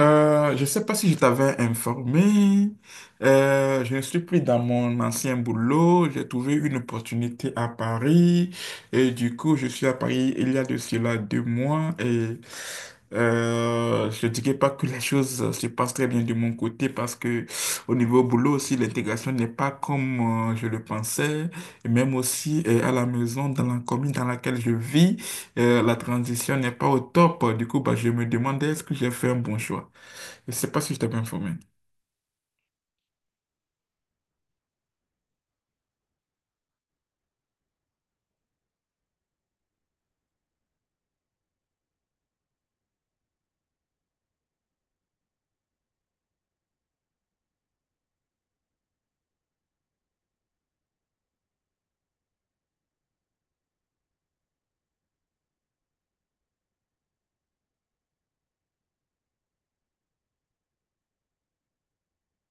Je ne sais pas si je t'avais informé. Je ne suis plus dans mon ancien boulot. J'ai trouvé une opportunité à Paris. Et du coup, je suis à Paris il y a de cela 2 mois. Et je ne dirais pas que les choses se passent très bien de mon côté parce que au niveau boulot aussi, l'intégration n'est pas comme je le pensais. Et même aussi à la maison, dans la commune dans laquelle je vis, la transition n'est pas au top. Du coup, bah, je me demandais est-ce que j'ai fait un bon choix. Je sais pas si je t'ai bien informé.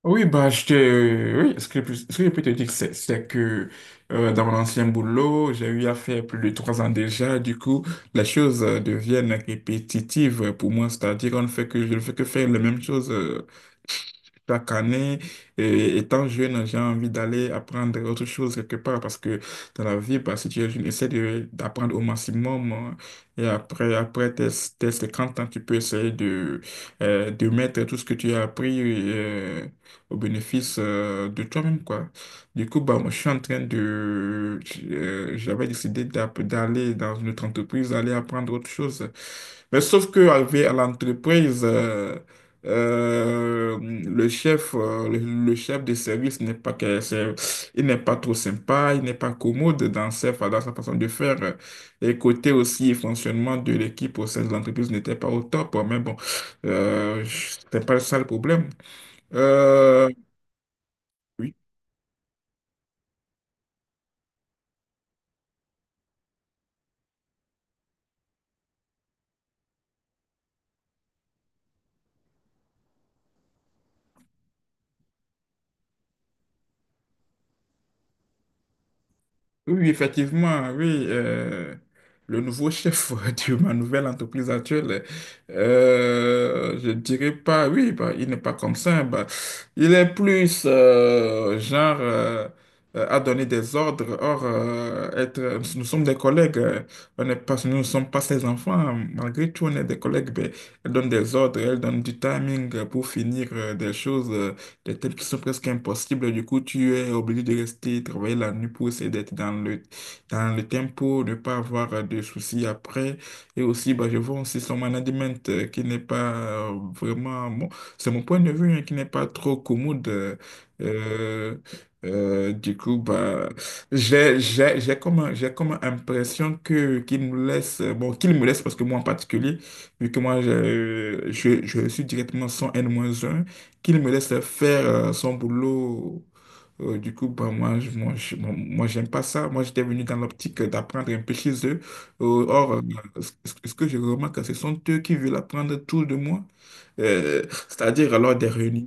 Oui, bah, oui, ce que je peux te dire, c'est que dans mon ancien boulot, j'ai eu à faire plus de 3 ans déjà. Du coup, les choses deviennent répétitives pour moi. C'est-à-dire, on ne fait que, je ne fais que faire la même chose chaque année. Et étant jeune, j'ai envie d'aller apprendre autre chose quelque part parce que dans la vie, bah, si tu es jeune, d'apprendre au maximum, hein. Et après tes 50 ans, tu peux essayer de mettre tout ce que tu as appris au bénéfice de toi-même, quoi. Du coup, bah, moi, je suis en train de... J'avais décidé d'aller dans une autre entreprise, aller apprendre autre chose. Mais sauf que arrivé à l'entreprise, le chef, le chef de service n'est pas que- c'est- il n'est pas trop sympa, il n'est pas commode dans sa façon de faire. Et côté aussi fonctionnement de l'équipe au sein de l'entreprise n'était pas au top. Mais bon, c'était pas ça le problème. Euh, oui. Oui, effectivement, oui. Le nouveau chef de ma nouvelle entreprise actuelle, je dirais pas, oui, bah, il n'est pas comme ça. Bah, il est plus genre à donner des ordres. Or, nous sommes des collègues, on n'est pas, nous ne sommes pas ses enfants. Malgré tout, on est des collègues. Ben, elle donne des ordres, elle donne du timing pour finir des tâches qui sont presque impossibles. Du coup, tu es obligé de rester travailler la nuit pour essayer d'être dans le tempo, ne pas avoir de soucis après. Et aussi, bah, je vois aussi son management qui n'est pas vraiment, bon, c'est mon point de vue, hein, qui n'est pas trop commode. Euh, du coup, bah, j'ai comme, j'ai comme impression qu'il nous laisse, qu'il me laisse parce que moi en particulier, vu que moi, je suis directement son n moins un qu'il me laisse faire son boulot. Du coup, bah, moi, je, moi, je- moi, moi, j'aime pas ça. Moi, j'étais venu dans l'optique d'apprendre un peu chez eux. Euh, or, euh, Ce que je remarque, ce sont eux qui veulent apprendre tout de moi. Euh, C'est-à-dire, alors, des réunions.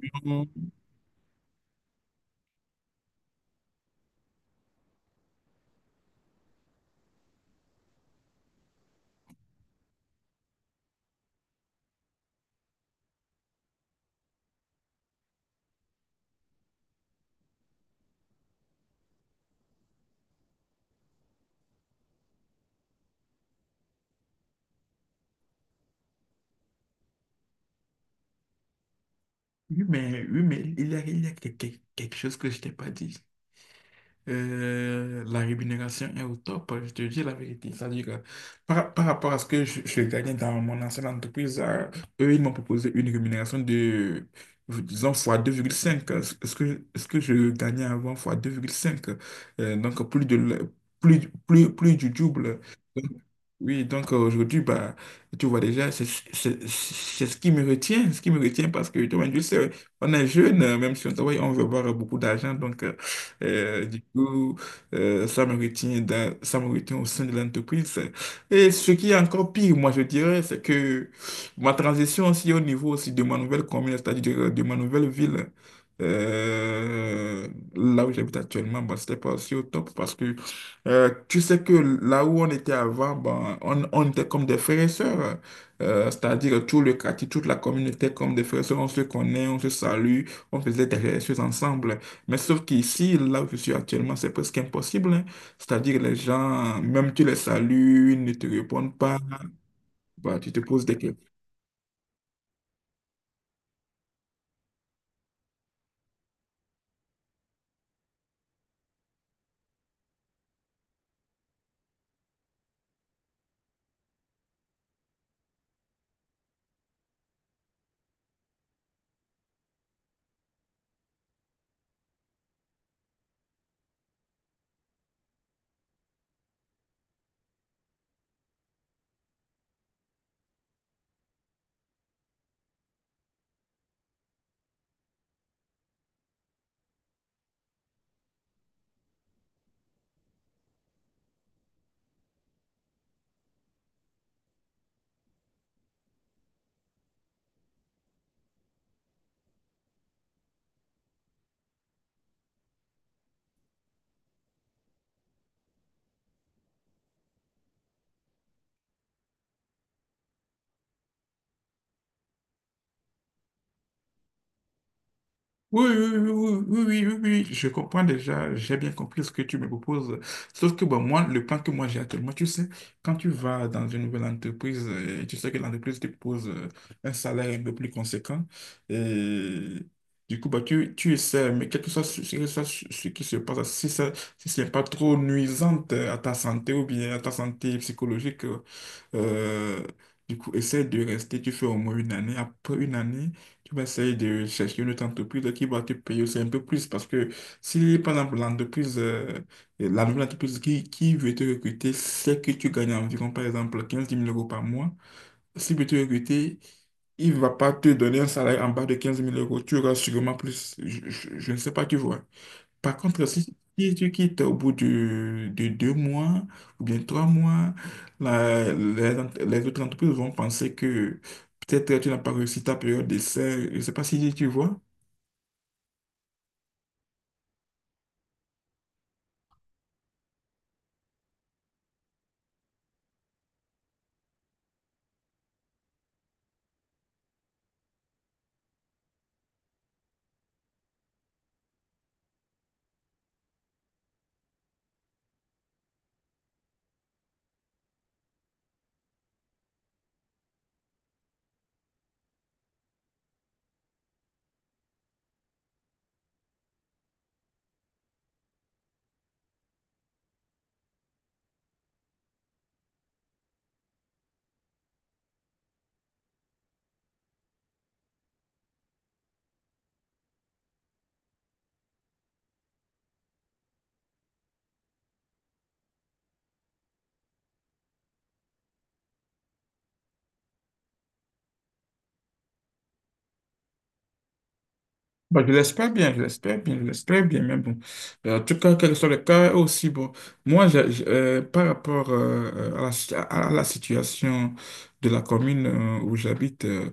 Oui, mais il y a quelque chose que je t'ai pas dit. La rémunération est au top, hein, je te dis la vérité. C'est-à-dire que par rapport à ce que je gagnais dans mon ancienne entreprise, eux, ils m'ont proposé une rémunération de, disons, fois 2,5. Ce que je gagnais avant, fois 2,5. Donc, plus de, le- plus, plus, plus du double. Donc, oui, donc aujourd'hui, bah, tu vois déjà, c'est ce qui me retient, ce qui me retient parce que, tu vois, tu sais, on est jeune, même si on travaille, on veut avoir beaucoup d'argent. Donc, euh, du coup, ça me retient ça me retient au sein de l'entreprise. Et ce qui est encore pire, moi, je dirais, c'est que ma transition aussi au niveau aussi de ma nouvelle commune, c'est-à-dire de ma nouvelle ville, euh, là où j'habite actuellement, bah, c'était pas aussi au top parce que tu sais que là où on était avant, ben, on était comme des frères et sœurs. C'est-à-dire tout le quartier, toute la communauté était comme des frères et sœurs. On se connaît, on se salue, on faisait des choses ensemble. Mais sauf qu'ici, là où je suis actuellement, c'est presque impossible, hein. C'est-à-dire les gens, même tu les salues, ils ne te répondent pas. Bah, tu te poses des questions. Oui, oui, oui, oui, oui, oui, oui, oui, oui, je comprends déjà, j'ai bien compris ce que tu me proposes. Sauf que bon, moi, le plan que moi j'ai actuellement, tu sais, quand tu vas dans une nouvelle entreprise, tu sais que l'entreprise te propose un salaire un peu plus conséquent. Et du coup, bah, tu essaies, mais quel que soit ce qui se passe, si ce n'est pas trop nuisant à ta santé ou bien à ta santé psychologique, euh, essaie de rester, tu fais au moins une année. Après une année, tu vas essayer de chercher une autre entreprise qui va te payer aussi un peu plus. Parce que si, par exemple, la nouvelle entreprise qui veut te recruter sait que tu gagnes environ, par exemple, 15 mille euros par mois, s'il veut te recruter, il ne va pas te donner un salaire en bas de 15 000 euros. Tu auras sûrement plus. Je ne sais pas, tu vois. Par contre, si tu quittes de 2 mois ou bien 3 mois, les autres entreprises vont penser que peut-être tu n'as pas réussi ta période d'essai. Je ne sais pas si tu vois. Bon, je l'espère bien, je l'espère bien, je l'espère bien, mais bon. En tout cas, quel que soit le cas, eux aussi, bon, moi, par rapport à la, à la situation de la commune où j'habite,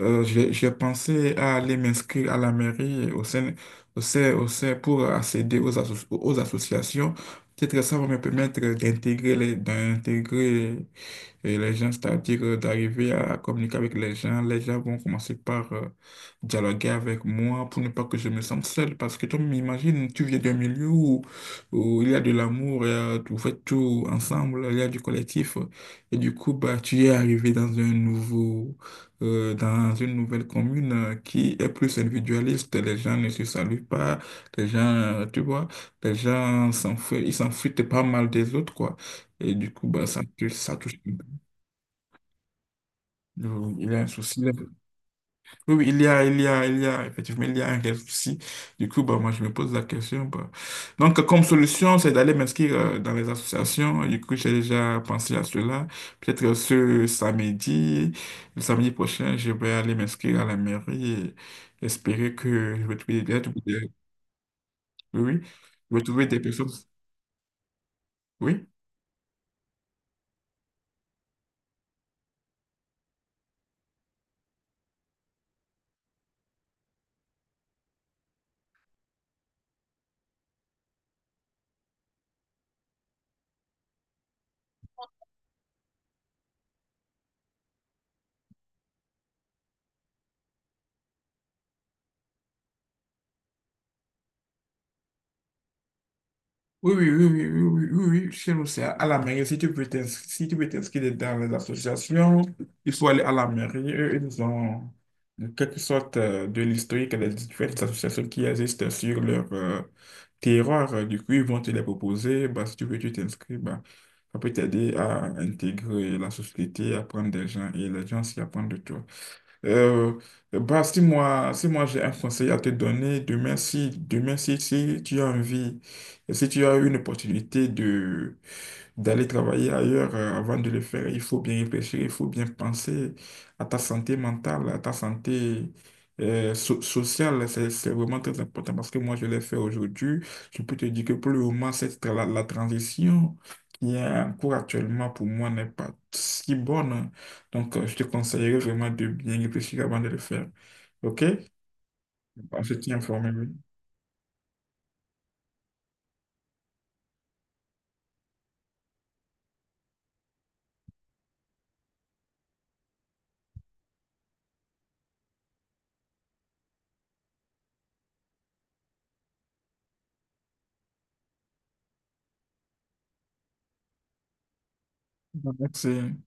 j'ai pensé à aller m'inscrire à la mairie au sein pour accéder aux associations. Peut-être que ça va me permettre d'intégrer et les gens, c'est-à-dire d'arriver à communiquer avec les gens. Les gens vont commencer par dialoguer avec moi pour ne pas que je me sente seul. Parce que tu m'imagines, tu viens d'un milieu où, où il y a de l'amour, et, vous faites tout ensemble, il y a du collectif. Et du coup, bah, tu es arrivé dans un nouveau, dans une nouvelle commune qui est plus individualiste. Les gens ne se saluent pas. Les gens, tu vois, les gens s'enfuient, ils s'enfuient pas mal des autres, quoi. Et du coup, bah, ça, ça touche. Oui, il y a un souci. Il y a... oui, il y a, effectivement, il y a un réel souci. Du coup, bah, moi, je me pose la question, bah. Donc, comme solution, c'est d'aller m'inscrire dans les associations. Du coup, j'ai déjà pensé à cela. Peut-être ce samedi, le samedi prochain, je vais aller m'inscrire à la mairie et espérer que je vais trouver des, oui, oui, je vais trouver des personnes. Oui. Oui, oui, oui, oui, oui, oui, oui, oui, chez nous, c'est à la mairie. Si tu veux t'inscrire dans les associations, il faut aller à la mairie. Eux, ils ont en quelque sorte de l'historique des différentes associations qui existent sur leur terroir. Du coup, ils vont te les proposer. Bah, si tu veux, tu t'inscris. Bah, ça peut t'aider à intégrer la société, à apprendre des gens et les gens s'y apprendre de toi. Euh, Bah, si moi j'ai un conseil à te donner, demain si, si tu as envie, si tu as une opportunité de, d'aller travailler ailleurs avant de le faire, il faut bien réfléchir, il faut bien penser à ta santé mentale, à ta santé sociale. C'est vraiment très important parce que moi, je l'ai fait aujourd'hui. Je peux te dire que pour le moment, la transition qui est en cours actuellement pour moi n'est pas si bonne. Donc, je te conseillerais vraiment de bien réfléchir avant de le faire. OK? On se tient informé, oui. Merci.